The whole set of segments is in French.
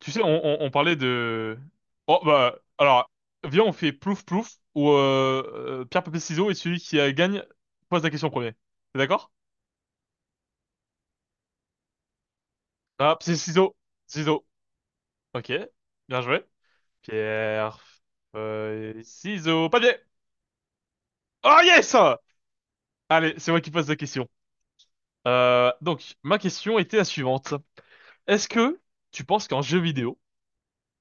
Tu sais, on parlait de... Oh, bah, alors, viens, on fait plouf plouf, où pierre, papier, ciseaux, et celui qui gagne pose la question en premier. T'es d'accord? Ah, c'est ciseaux. Ciseaux. Ok, bien joué. Pierre, feuille, ciseaux, papier. Oh yes! Allez, c'est moi qui pose la question. Donc, ma question était la suivante. Est-ce que tu penses qu'un jeu vidéo,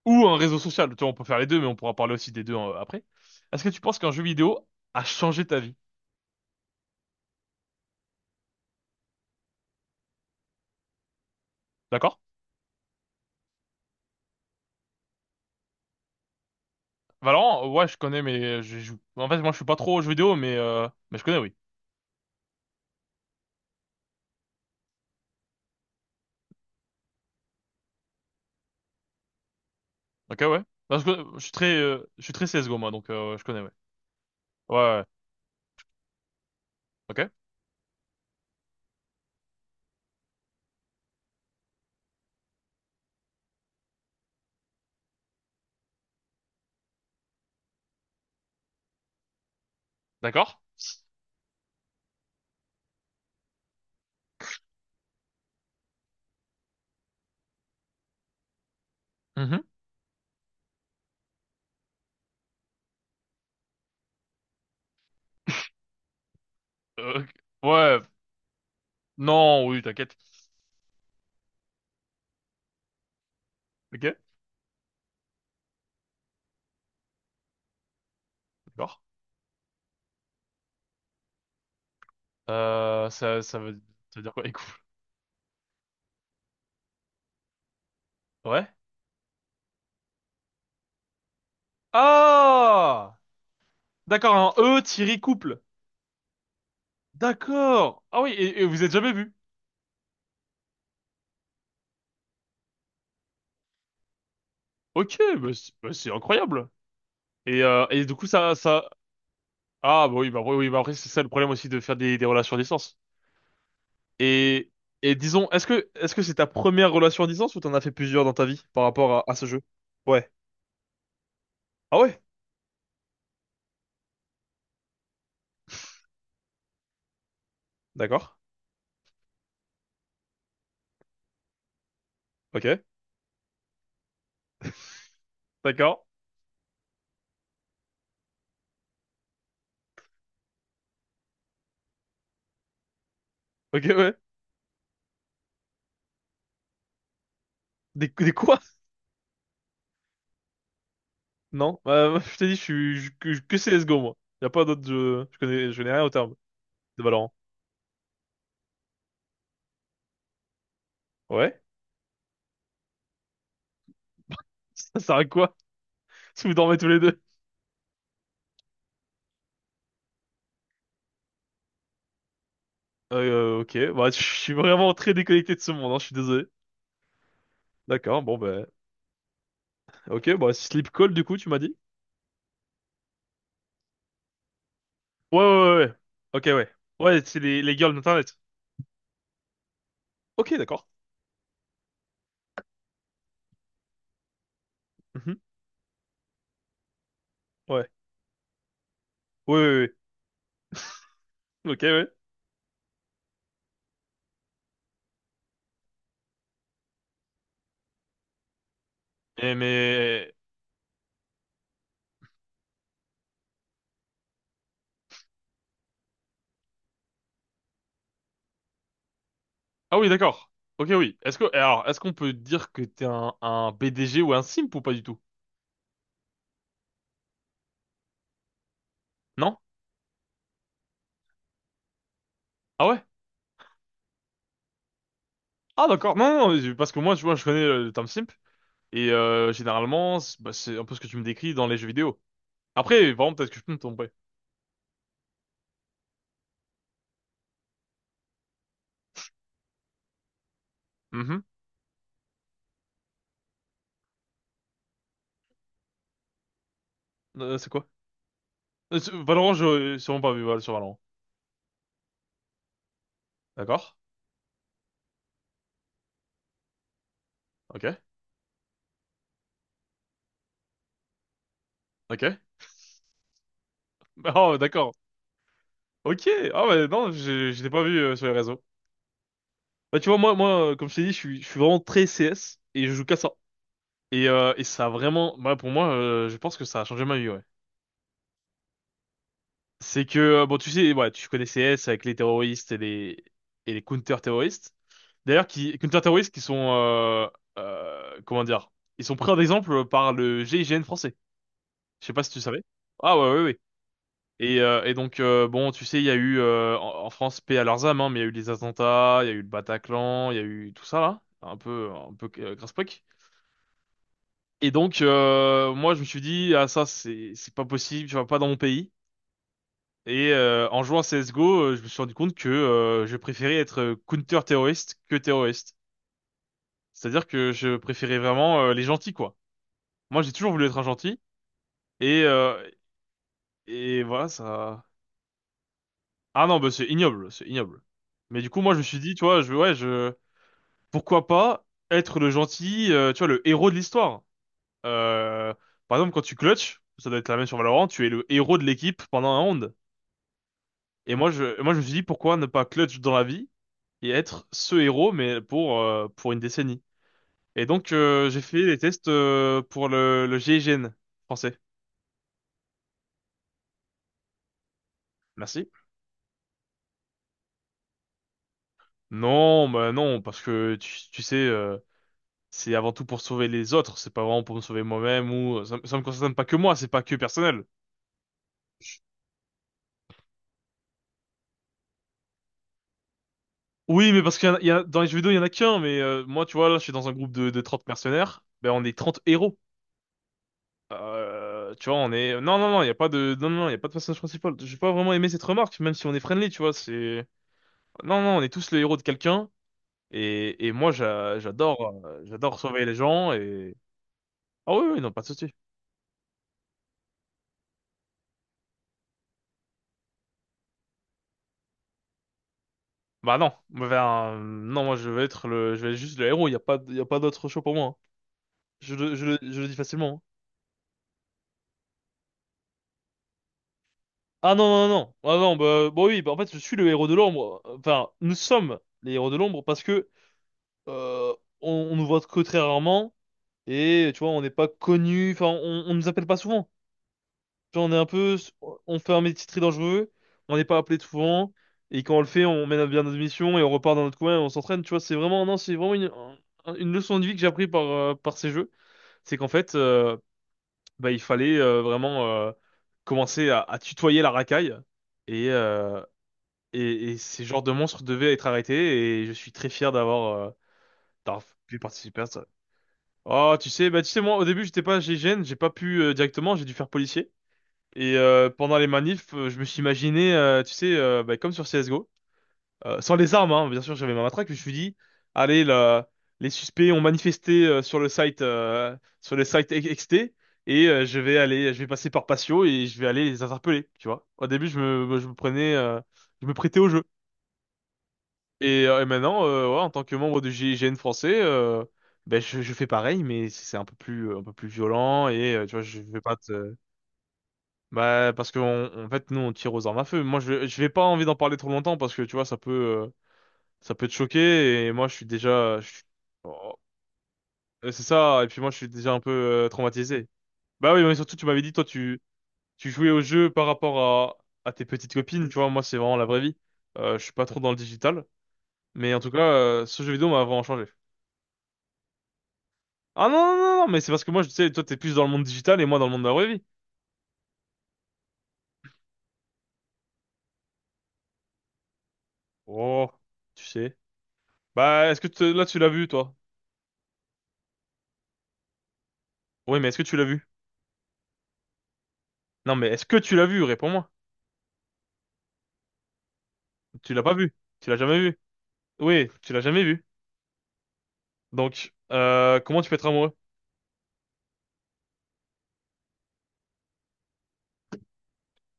ou un réseau social, tu vois, on peut faire les deux, mais on pourra parler aussi des deux après. Est-ce que tu penses qu'un jeu vidéo a changé ta vie? D'accord? Valorant, ouais, je connais, mais je joue. En fait, moi, je suis pas trop aux jeux vidéo, mais je connais, oui. Ok, ouais. Parce que je suis très CS:GO, moi, je connais, ouais. Ouais, ouais, ouais. Ok, d'accord. Mhm. Ok. Ouais, non, oui, t'inquiète. Ok, d'accord. Euh, ça, ça veut, ça veut dire quoi, les couples? Ouais. Ah! D'accord, un E tiré couple. D'accord. Ah oui, et vous êtes jamais vu. Ok, bah c'est incroyable. Et du coup, ça, ah bah oui, oui, bah après c'est ça le problème aussi de faire des relations à distance. Et, et disons, est-ce que c'est ta première relation à distance ou t'en as fait plusieurs dans ta vie par rapport à ce jeu? Ouais. Ah ouais? D'accord. Ok. D'accord. Ok, ouais. Des quoi? Non. Moi, je t'ai dit, je suis je- que CSGO moi. Y a pas d'autres jeux. Je connais rien au terme de Valorant. Ouais? Ça sert à quoi? Si vous dormez tous les deux. Ok. Bah je suis vraiment très déconnecté de ce monde, hein, je suis désolé. D'accord, bon bah. Ok, bah sleep call du coup, tu m'as dit? Ouais, ouais, ouais, ouais. Ok, ouais. Ouais, c'est les girls d'Internet. Ok, d'accord. Mhm. Ouais. Ouais, ouais, ouais. Ok, ouais. Et mais... Ah oui, d'accord. Ok, oui. Est-ce que... Alors, est-ce qu'on peut dire que t'es un BDG ou un simp ou pas du tout? Non? Ah ouais? Ah d'accord. Non, non, non, parce que moi, tu vois, je connais le terme simp. Généralement, c'est un peu ce que tu me décris dans les jeux vidéo. Après, vraiment, peut-être que je peux me tromper. Mhm. C'est quoi? Valorant, je sûrement pas vu sur Valorant. D'accord. Ok. Ok. Oh, d'accord. Ok, ah ouais, non, je l'ai pas vu sur les réseaux. Bah, tu vois, moi, comme je t'ai dit, je suis vraiment très CS et je joue qu'à ça. Et ça a vraiment, bah, pour moi, je pense que ça a changé ma vie, ouais. C'est que, bon, tu sais, ouais, tu connais CS avec les terroristes et les counter-terroristes. D'ailleurs, counter-terroristes qui sont, comment dire, ils sont pris en exemple par le GIGN français. Je sais pas si tu savais. Ah ouais, ouais, ouais. Et donc, bon, tu sais, il y a eu, en France, paix à leurs âmes, hein, mais il y a eu les attentats, il y a eu le Bataclan, il y a eu tout ça, là. Un peu, grasse-poque. Et donc, moi, je me suis dit, ah, ça, c'est pas possible, tu vois, pas dans mon pays. En jouant à CSGO, je me suis rendu compte que je préférais être counter-terroriste que terroriste. C'est-à-dire que je préférais vraiment les gentils, quoi. Moi, j'ai toujours voulu être un gentil. Et, euh, et voilà, ça... Ah non, bah, c'est ignoble, c'est ignoble. Mais du coup, moi, je me suis dit, tu vois, je, ouais, je... pourquoi pas être le gentil, tu vois, le héros de l'histoire. Euh, Par exemple, quand tu clutches, ça doit être la même sur Valorant, tu es le héros de l'équipe pendant un round. Et moi, moi, je me suis dit, pourquoi ne pas clutch dans la vie et être ce héros, mais pour une décennie. Et donc, j'ai fait les tests pour le GIGN français. Merci. Non, bah non, parce que tu sais, c'est avant tout pour sauver les autres, c'est pas vraiment pour me sauver moi-même ou ça me concerne pas que moi, c'est pas que personnel. Oui, mais parce qu'il y en a, il y a- dans les jeux vidéo, il y en a qu'un, mais moi, tu vois, là, je suis dans un groupe de 30 mercenaires, ben, on est 30 héros. Tu vois, on est... Non, non, non, il y a pas de... Non, non, non, il y a pas de personnage principal. J'ai pas vraiment aimé cette remarque, même si on est friendly, tu vois, c'est... Non, non, on est tous les héros de quelqu'un, et moi, j'adore sauver les gens, et... Ah oui, oui, non, pas de souci. Bah non, ben, non, moi, je vais être le... Je vais être juste le héros, il y a pas d'autre choix pour moi, hein. Je le dis facilement, hein. Ah non, non, non. Ah non, bah, bon oui, bah, en fait, je suis le héros de l'ombre. Enfin, nous sommes les héros de l'ombre parce que euh, on nous voit que très rarement et tu vois, on n'est pas connus, enfin, on nous appelle pas souvent. Tu vois, on est un peu, on fait un métier très dangereux, on n'est pas appelé souvent et quand on le fait, on mène à bien notre mission et on repart dans notre coin et on s'entraîne. Tu vois, c'est vraiment, non, c'est vraiment une leçon de vie que j'ai appris par ces jeux. C'est qu'en fait, bah, il fallait vraiment commencer à tutoyer la racaille. Et, euh, et ces genres de monstres devaient être arrêtés et je suis très fier d'avoir pu participer à ça. Oh, tu sais, bah tu sais moi au début j'étais pas GIGN, j'ai pas pu directement, j'ai dû faire policier. Pendant les manifs, je me suis imaginé, tu sais, bah, comme sur CS:GO, sans les armes, hein, bien sûr j'avais ma matraque, mais je me suis dit, allez là, les suspects ont manifesté sur le site XT et je vais passer par patio et je vais aller les interpeller, tu vois. Au début je me prêtais au jeu. Et maintenant, ouais, en tant que membre du GIGN français, ben je fais pareil, mais c'est un peu plus violent et tu vois, je vais pas te, bah parce que en fait nous on tire aux armes à feu. Moi je vais pas envie d'en parler trop longtemps parce que tu vois ça peut te choquer et moi je suis- oh, c'est ça et puis moi je suis déjà un peu traumatisé. Bah oui, mais surtout tu m'avais dit toi tu jouais au jeu par rapport à tes petites copines, tu vois, moi c'est vraiment la vraie vie. Je suis pas trop dans le digital, mais en tout cas ce jeu vidéo m'a vraiment changé. Ah non, non, non, non, mais c'est parce que moi, je sais, toi, t'es plus dans le monde digital et moi dans le monde de la vraie vie. Oh, tu sais. Bah, là, tu l'as vu, toi? Oui, mais est-ce que tu l'as vu? Non, mais est-ce que tu l'as vu? Réponds-moi. Tu l'as pas vu. Tu l'as jamais vu. Oui, tu l'as jamais vu. Donc, comment tu peux être amoureux?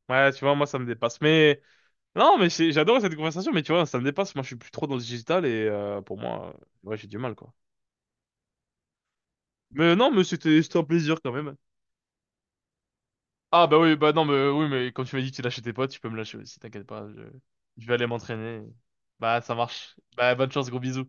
Ouais, tu vois, moi, ça me dépasse. Mais, non, mais j'adore cette conversation, mais tu vois, ça me dépasse. Moi, je suis plus trop dans le digital et pour moi, ouais, j'ai du mal, quoi. Mais non, mais c'était un plaisir quand même. Ah bah oui, bah non, mais oui, mais quand tu m'as dit que tu lâchais tes potes, tu peux me lâcher aussi, t'inquiète pas, je vais aller m'entraîner. Bah ça marche. Bah bonne chance, gros bisous.